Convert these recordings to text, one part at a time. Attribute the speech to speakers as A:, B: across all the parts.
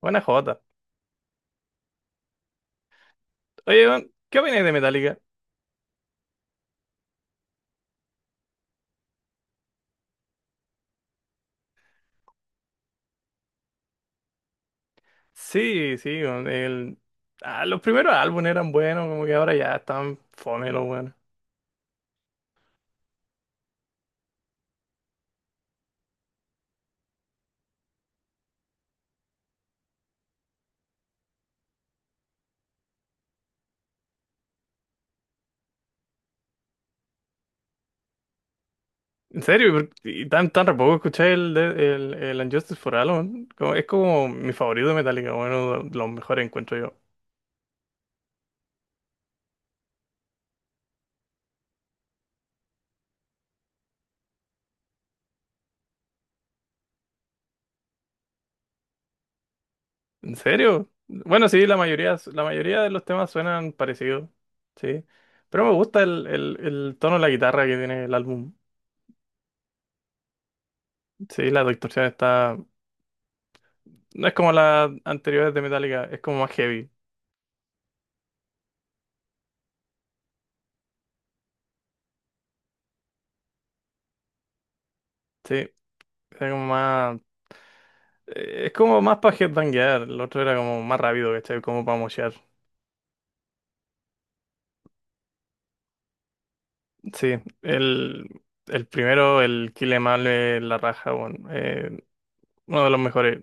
A: Buena jota. Oye, weón, ¿qué opináis de Metallica? Sí, sí, weón, los primeros álbumes eran buenos, como que ahora ya están fome los buenos. En serio, y tan tampoco escuché el Unjustice for All, weón. Como es como mi favorito de Metallica, bueno, de los mejores encuentro yo. ¿En serio? Bueno, sí, la mayoría de los temas suenan parecidos, sí. Pero me gusta el tono de la guitarra que tiene el álbum. Sí, la distorsión está... No es como las anteriores de Metallica, es como más heavy. Sí, era como más. Es como más para headbanguear. El otro era como más rápido, ¿cachai? Como para moshear. Sí, el, el primero, el Kill Em All, la raja, bueno, uno de los mejores.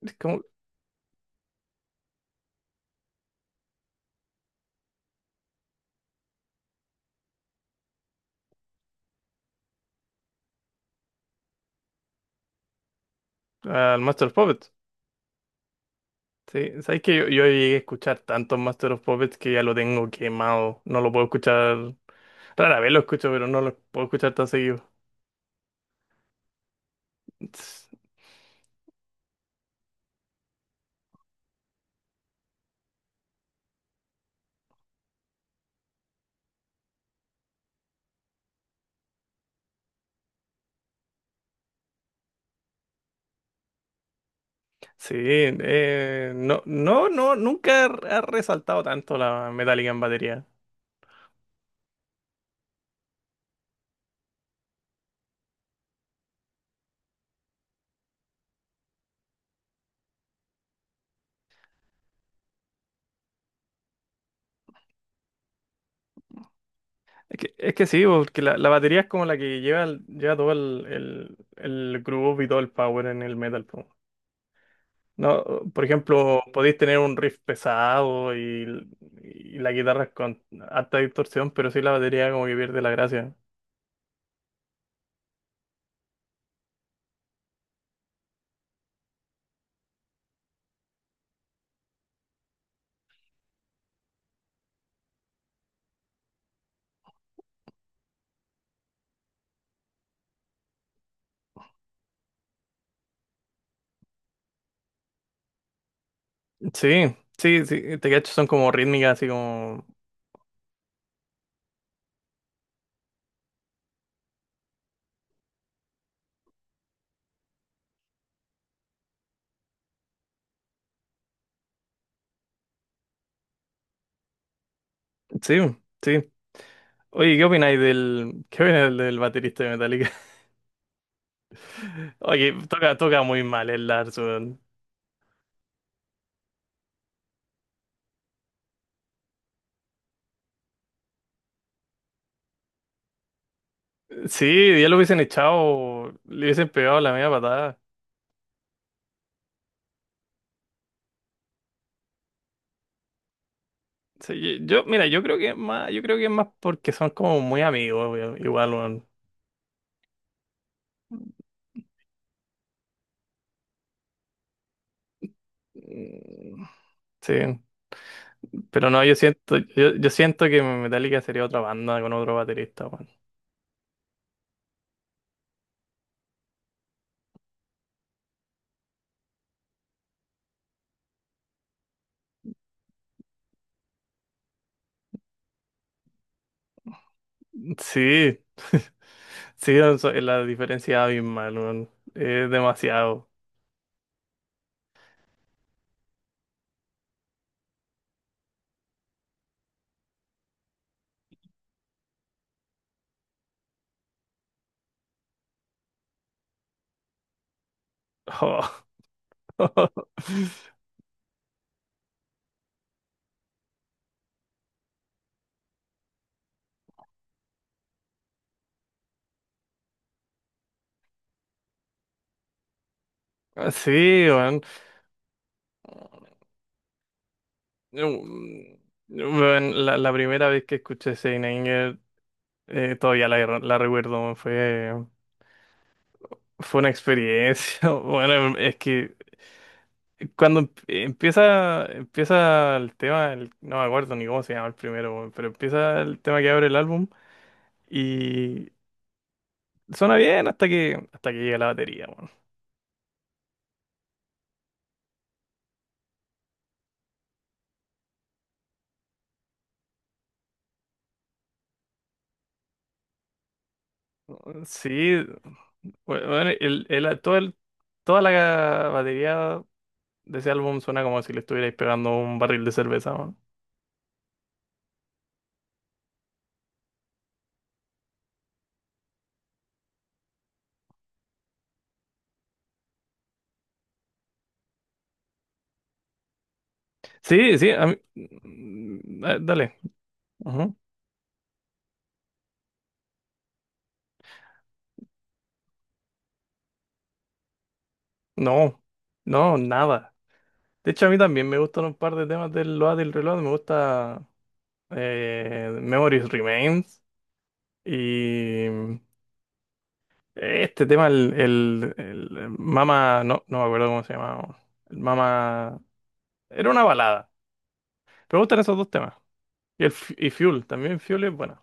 A: Es como al Master of Puppets. Sí, sabes que yo llegué a escuchar tantos Master of Puppets que ya lo tengo quemado. No lo puedo escuchar. Rara vez lo escucho, pero no lo puedo escuchar tan seguido. Sí, no, nunca ha resaltado tanto la metálica en batería. Es que sí, porque la batería es como la que lleva, lleva todo el groove y todo el power en el metal. Po. No, por ejemplo, podéis tener un riff pesado y la guitarra es con alta distorsión, pero sí la batería como que pierde la gracia. Sí, te cacho, son como rítmicas, así como... Sí, sí. Oye, ¿Qué opináis del baterista de Metallica? Oye, toca muy mal el Lars, weón. Sí, ya lo hubiesen echado, le hubiesen pegado la media patada. Sí, yo, mira, yo creo que es más, yo creo que es más porque son como muy amigos, weón, igual, weón. Mm, sí, pero no, yo siento que Metallica sería otra banda con otro baterista, weón. Sí, sí, no so- la diferencia es abismal, weón. Es demasiado. Sí, weón. Mm, weón, la primera vez que escuché Saint Anger, todavía la recuerdo, weón, fue. Fue una experiencia. Bueno, es que cuando empieza el tema, el- no me acuerdo ni cómo se llama el primero, weón, pero empieza el tema que abre el álbum y suena bien hasta que llega la batería, weón. Sí, bueno, toda la batería de ese álbum suena como si le estuvierais pegando un barril de cerveza, weón. Sí, sí, a mí- mm, dale. Ujú. No, no, nada. De hecho, a mí también me gustan un par de temas del Load del Reload. Me gusta Memories Remains y mm, este tema, el Mama, no, no me acuerdo cómo se llamaba. El Mama, era una balada. Pero me gustan esos dos temas. Y, el, Fu- y Fuel, también Fuel es bueno.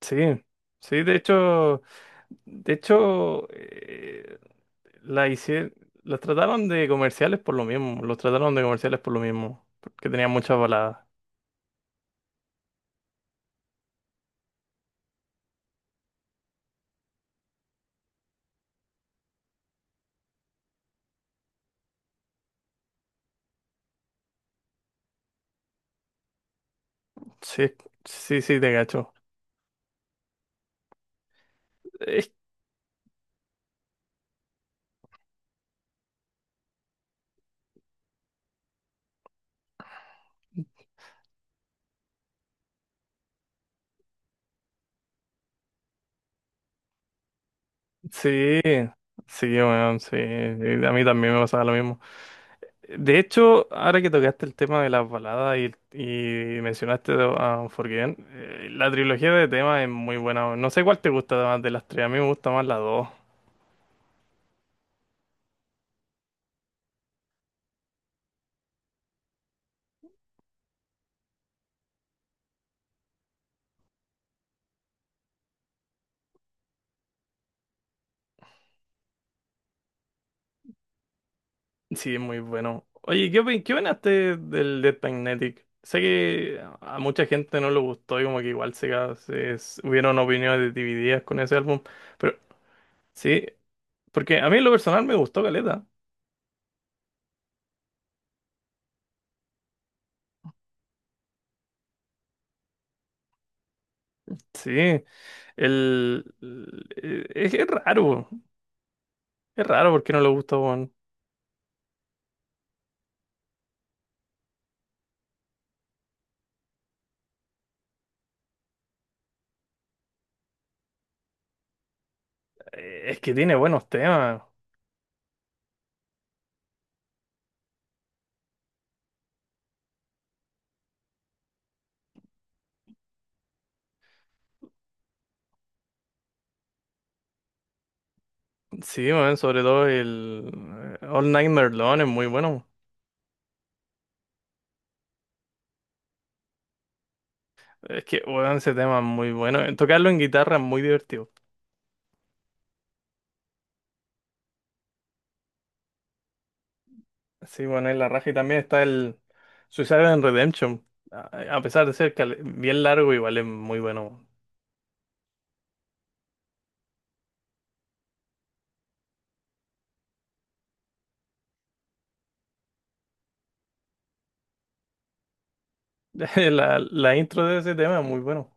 A: Sí, sí, de hecho, la hicieron, las trataron de comerciales por lo mismo. Los trataron de comerciales por lo mismo, porque tenían muchas baladas. Sí, sí, te cacho. Es- sí, sí, weón, sí. A mí también me pasaba lo mismo. De hecho, ahora que tocaste el tema de las baladas y mencionaste a Unforgiven, la trilogía de temas es muy buena. Weón. No sé cuál te gusta más de las tres, a mí me gusta más la dos. Sí, es muy bueno. Oye, ¿qué opinaste del Death Magnetic? Sé que a mucha gente no le gustó y como que igual se, ca- se- s- hubieron opiniones divididas con ese álbum, pero sí. Porque a mí en lo personal me gustó Caleta. Sí, el, el- eh, es, es raro, es raro porque no le gusta, weón. Es que tiene buenos temas. Sí, weón, sobre todo el All Night Merlon es muy bueno. Es que, weón, ese tema es muy bueno. Tocarlo en guitarra es muy divertido. Sí, bueno, en la raja y también está el Suicide and Redemption. A pesar de ser cal- bien largo, igual es muy bueno. La intro de ese tema es muy bueno.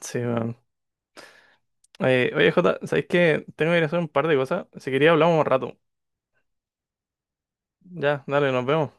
A: Sí, eh, oye, Jota, ¿sabéis que tengo que ir a hacer un par de cosas? Si quería hablamos un rato. Ya, dale, nos vemos.